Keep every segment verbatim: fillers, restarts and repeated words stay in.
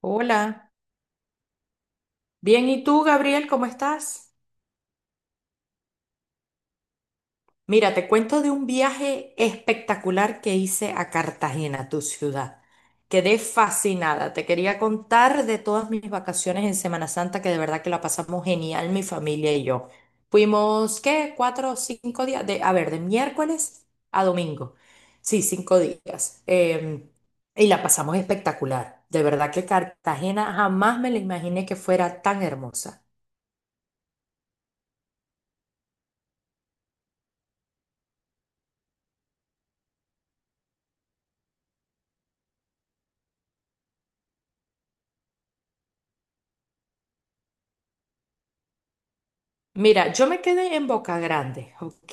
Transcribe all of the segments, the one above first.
Hola, bien, ¿y tú, Gabriel, cómo estás? Mira, te cuento de un viaje espectacular que hice a Cartagena, tu ciudad. Quedé fascinada, te quería contar de todas mis vacaciones en Semana Santa, que de verdad que la pasamos genial, mi familia y yo. Fuimos, ¿qué? Cuatro o cinco días, de, a ver, de miércoles a domingo. Sí, cinco días. Em, y la pasamos espectacular. De verdad que Cartagena jamás me la imaginé que fuera tan hermosa. Mira, yo me quedé en Boca Grande, ¿ok?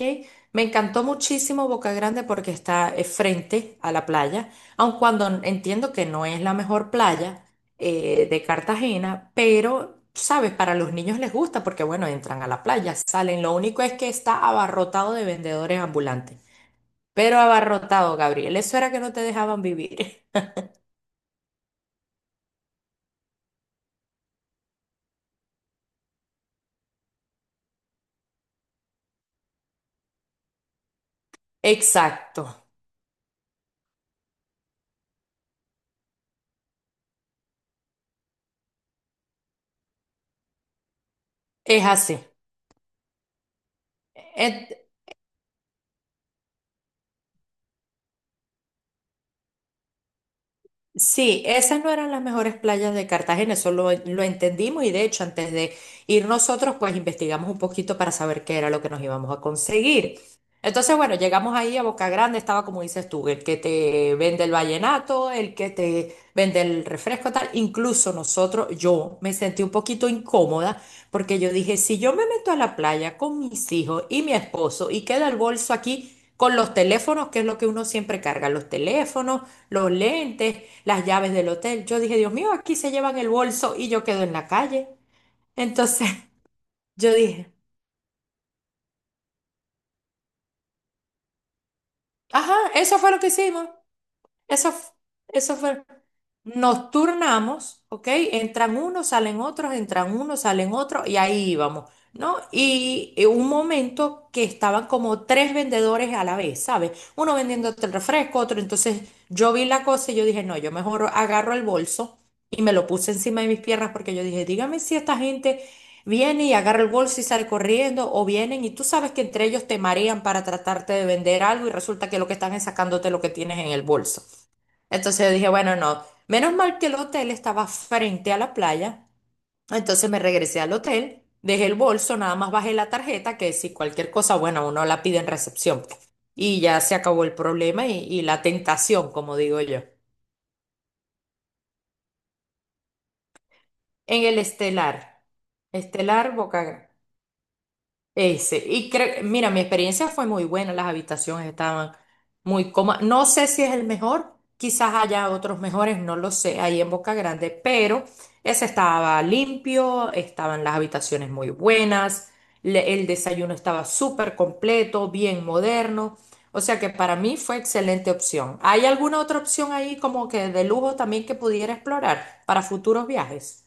Me encantó muchísimo Boca Grande porque está eh, frente a la playa, aun cuando n- entiendo que no es la mejor playa eh, de Cartagena, pero, sabes, para los niños les gusta porque, bueno, entran a la playa, salen, lo único es que está abarrotado de vendedores ambulantes, pero abarrotado, Gabriel, eso era que no te dejaban vivir. Exacto, es así. Sí, esas no eran las mejores playas de Cartagena, eso lo, lo entendimos y de hecho antes de ir nosotros pues investigamos un poquito para saber qué era lo que nos íbamos a conseguir. Entonces bueno, llegamos ahí a Boca Grande, estaba como dices tú, el que te vende el vallenato, el que te vende el refresco tal, incluso nosotros, yo me sentí un poquito incómoda porque yo dije, si yo me meto a la playa con mis hijos y mi esposo y queda el bolso aquí con los teléfonos, que es lo que uno siempre carga, los teléfonos, los lentes, las llaves del hotel. Yo dije, Dios mío, aquí se llevan el bolso y yo quedo en la calle. Entonces yo dije, ajá, eso fue lo que hicimos. Eso, f- eso fue. Nos turnamos, ¿ok? Entran unos, salen otros, entran unos, salen otros, y ahí íbamos, ¿no? Y eh, un momento que estaban como tres vendedores a la vez, ¿sabes? Uno vendiéndote el refresco, otro. Entonces yo vi la cosa y yo dije, no, yo mejor agarro el bolso y me lo puse encima de mis piernas porque yo dije, dígame si esta gente viene y agarra el bolso y sale corriendo, o vienen y tú sabes que entre ellos te marean para tratarte de vender algo y resulta que lo que están es sacándote lo que tienes en el bolso. Entonces yo dije, bueno, no, menos mal que el hotel estaba frente a la playa. Entonces me regresé al hotel, dejé el bolso, nada más bajé la tarjeta, que si cualquier cosa, bueno, uno la pide en recepción. Y ya se acabó el problema y, y la tentación, como digo yo. En el Estelar, Estelar Boca Ese. Y creo, mira, mi experiencia fue muy buena, las habitaciones estaban muy cómodas. No sé si es el mejor, quizás haya otros mejores, no lo sé, ahí en Boca Grande, pero ese estaba limpio, estaban las habitaciones muy buenas, le- el desayuno estaba súper completo, bien moderno. O sea que para mí fue excelente opción. ¿Hay alguna otra opción ahí como que de lujo también que pudiera explorar para futuros viajes?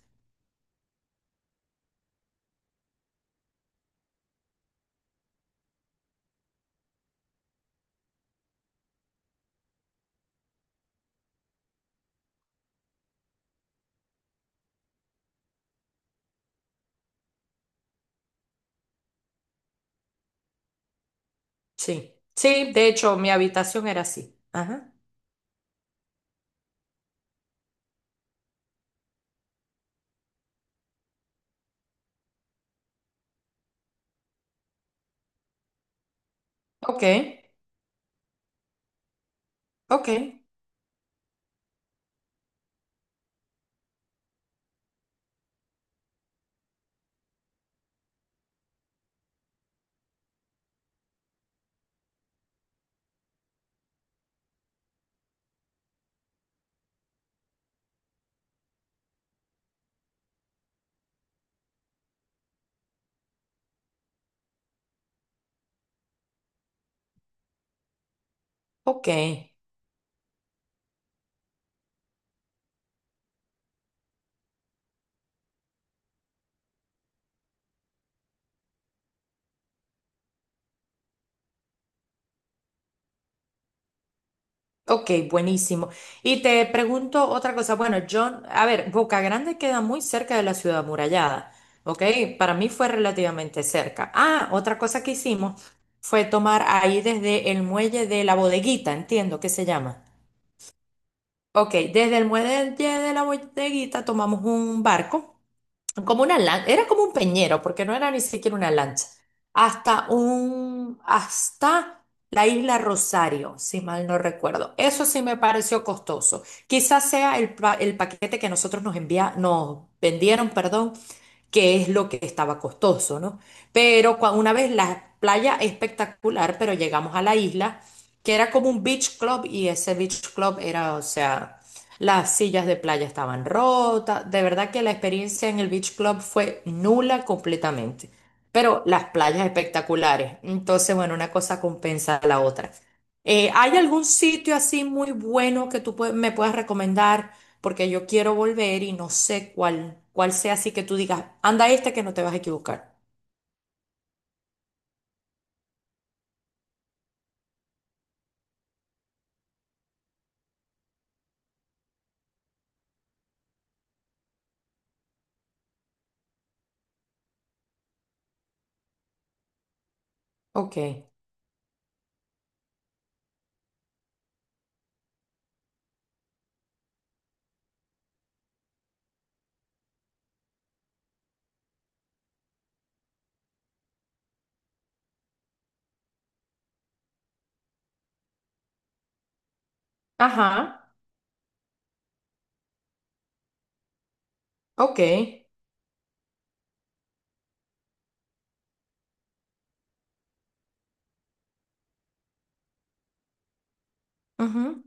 Sí. Sí, de hecho, mi habitación era así. Ajá. Ok. Ok, ok, ok, buenísimo. Y te pregunto otra cosa. Bueno, yo, a ver, Boca Grande queda muy cerca de la ciudad amurallada, ¿ok? Para mí fue relativamente cerca. Ah, otra cosa que hicimos fue tomar ahí desde el muelle de la bodeguita, entiendo que se llama. Ok, desde el muelle de de la bodeguita tomamos un barco. Como una lan- era como un peñero, porque no era ni siquiera una lancha, hasta un, hasta la isla Rosario, si mal no recuerdo. Eso sí me pareció costoso. Quizás sea el, pa- el paquete que nosotros nos envía, nos vendieron, perdón, que es lo que estaba costoso, ¿no? Pero cua- una vez la playa espectacular, pero llegamos a la isla, que era como un beach club y ese beach club era, o sea, las sillas de playa estaban rotas, de verdad que la experiencia en el beach club fue nula completamente, pero las playas espectaculares, entonces, bueno, una cosa compensa a la otra. Eh, ¿hay algún sitio así muy bueno que tú pue- me puedas recomendar? Porque yo quiero volver y no sé cuál, cuál sea así que tú digas, anda esta que no te vas a equivocar. Ok. Ajá. Ok. Ujú.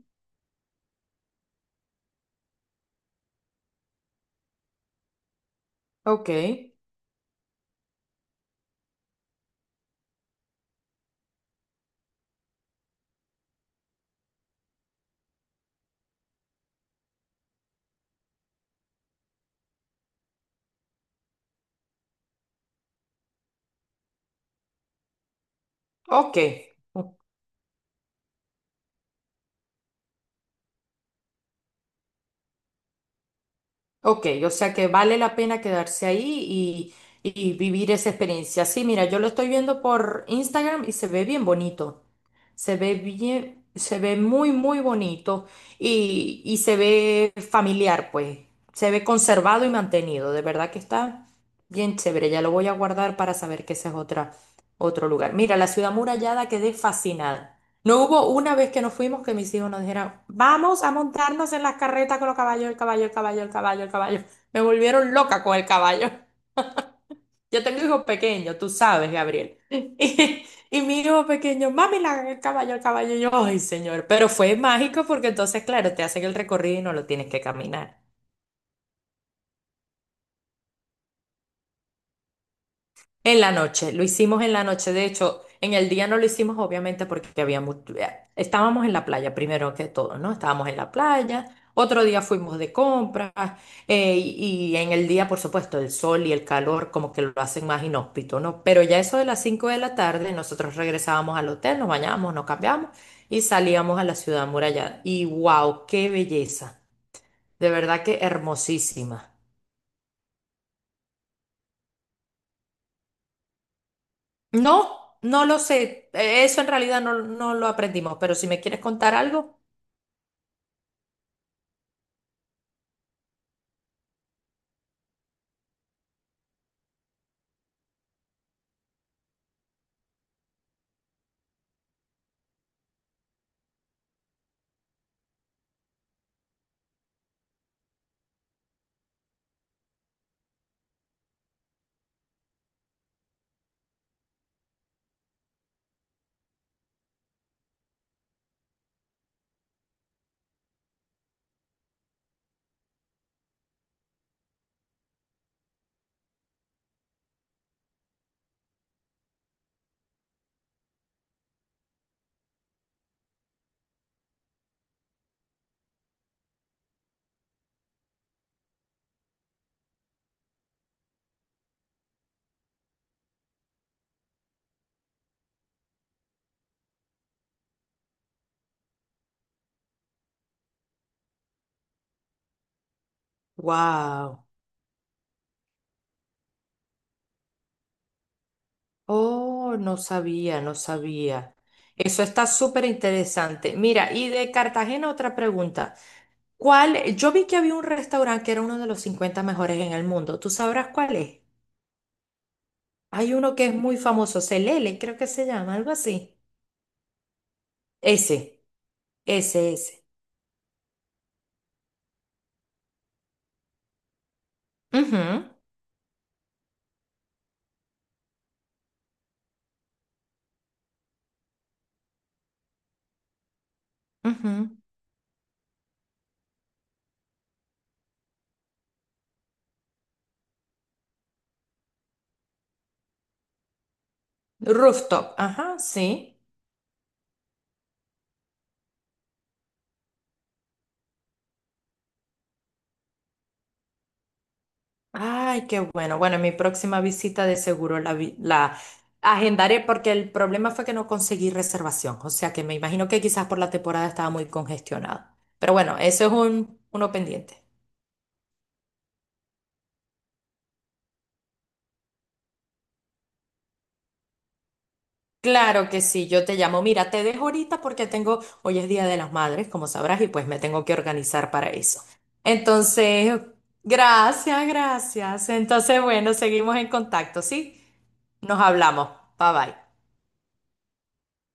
Ok. Ok. Ok, o sea que vale la pena quedarse ahí y, y vivir esa experiencia. Sí, mira, yo lo estoy viendo por Instagram y se ve bien bonito. Se ve bien, se ve muy, muy bonito y, y se ve familiar, pues. Se ve conservado y mantenido. De verdad que está bien chévere. Ya lo voy a guardar para saber que ese es otra, otro lugar. Mira, la ciudad murallada quedé fascinada. No hubo una vez que nos fuimos que mis hijos nos dijeran, vamos a montarnos en las carretas con los caballos, el caballo, el caballo, el caballo, el caballo. Me volvieron loca con el caballo. Yo tengo hijos pequeños, tú sabes, Gabriel. Y, y mi hijo pequeño, mami, la- el caballo, el caballo. Y yo, ay, señor. Pero fue mágico porque entonces, claro, te hacen el recorrido y no lo tienes que caminar. En la noche, lo hicimos en la noche. De hecho, en el día no lo hicimos, obviamente, porque había mu- estábamos en la playa, primero que todo, ¿no? Estábamos en la playa. Otro día fuimos de compras. eh, y, y en el día, por supuesto, el sol y el calor como que lo hacen más inhóspito, ¿no? Pero ya eso de las cinco de la tarde, nosotros regresábamos al hotel, nos bañábamos, nos cambiamos y salíamos a la ciudad amurallada. Y wow, qué belleza. De verdad que hermosísima. No, no lo sé. Eh, Eso en realidad no, no lo aprendimos, pero si me quieres contar algo, wow. Oh, no sabía, no sabía. Eso está súper interesante. Mira, y de Cartagena otra pregunta. ¿Cuál? Yo vi que había un restaurante que era uno de los cincuenta mejores en el mundo. ¿Tú sabrás cuál es? Hay uno que es muy famoso, Celele, creo que se llama, algo así. Ese, ese, ese. Ujú, ujú. Rooftop, ajá, sí. Ay, qué bueno. Bueno, en mi próxima visita de seguro la, vi- la agendaré porque el problema fue que no conseguí reservación. O sea que me imagino que quizás por la temporada estaba muy congestionado. Pero bueno, eso es un, uno pendiente. Claro que sí, yo te llamo. Mira, te dejo ahorita porque tengo, hoy es Día de las Madres, como sabrás, y pues me tengo que organizar para eso. Entonces, gracias, gracias. Entonces, bueno, seguimos en contacto, ¿sí? Nos hablamos. Bye bye.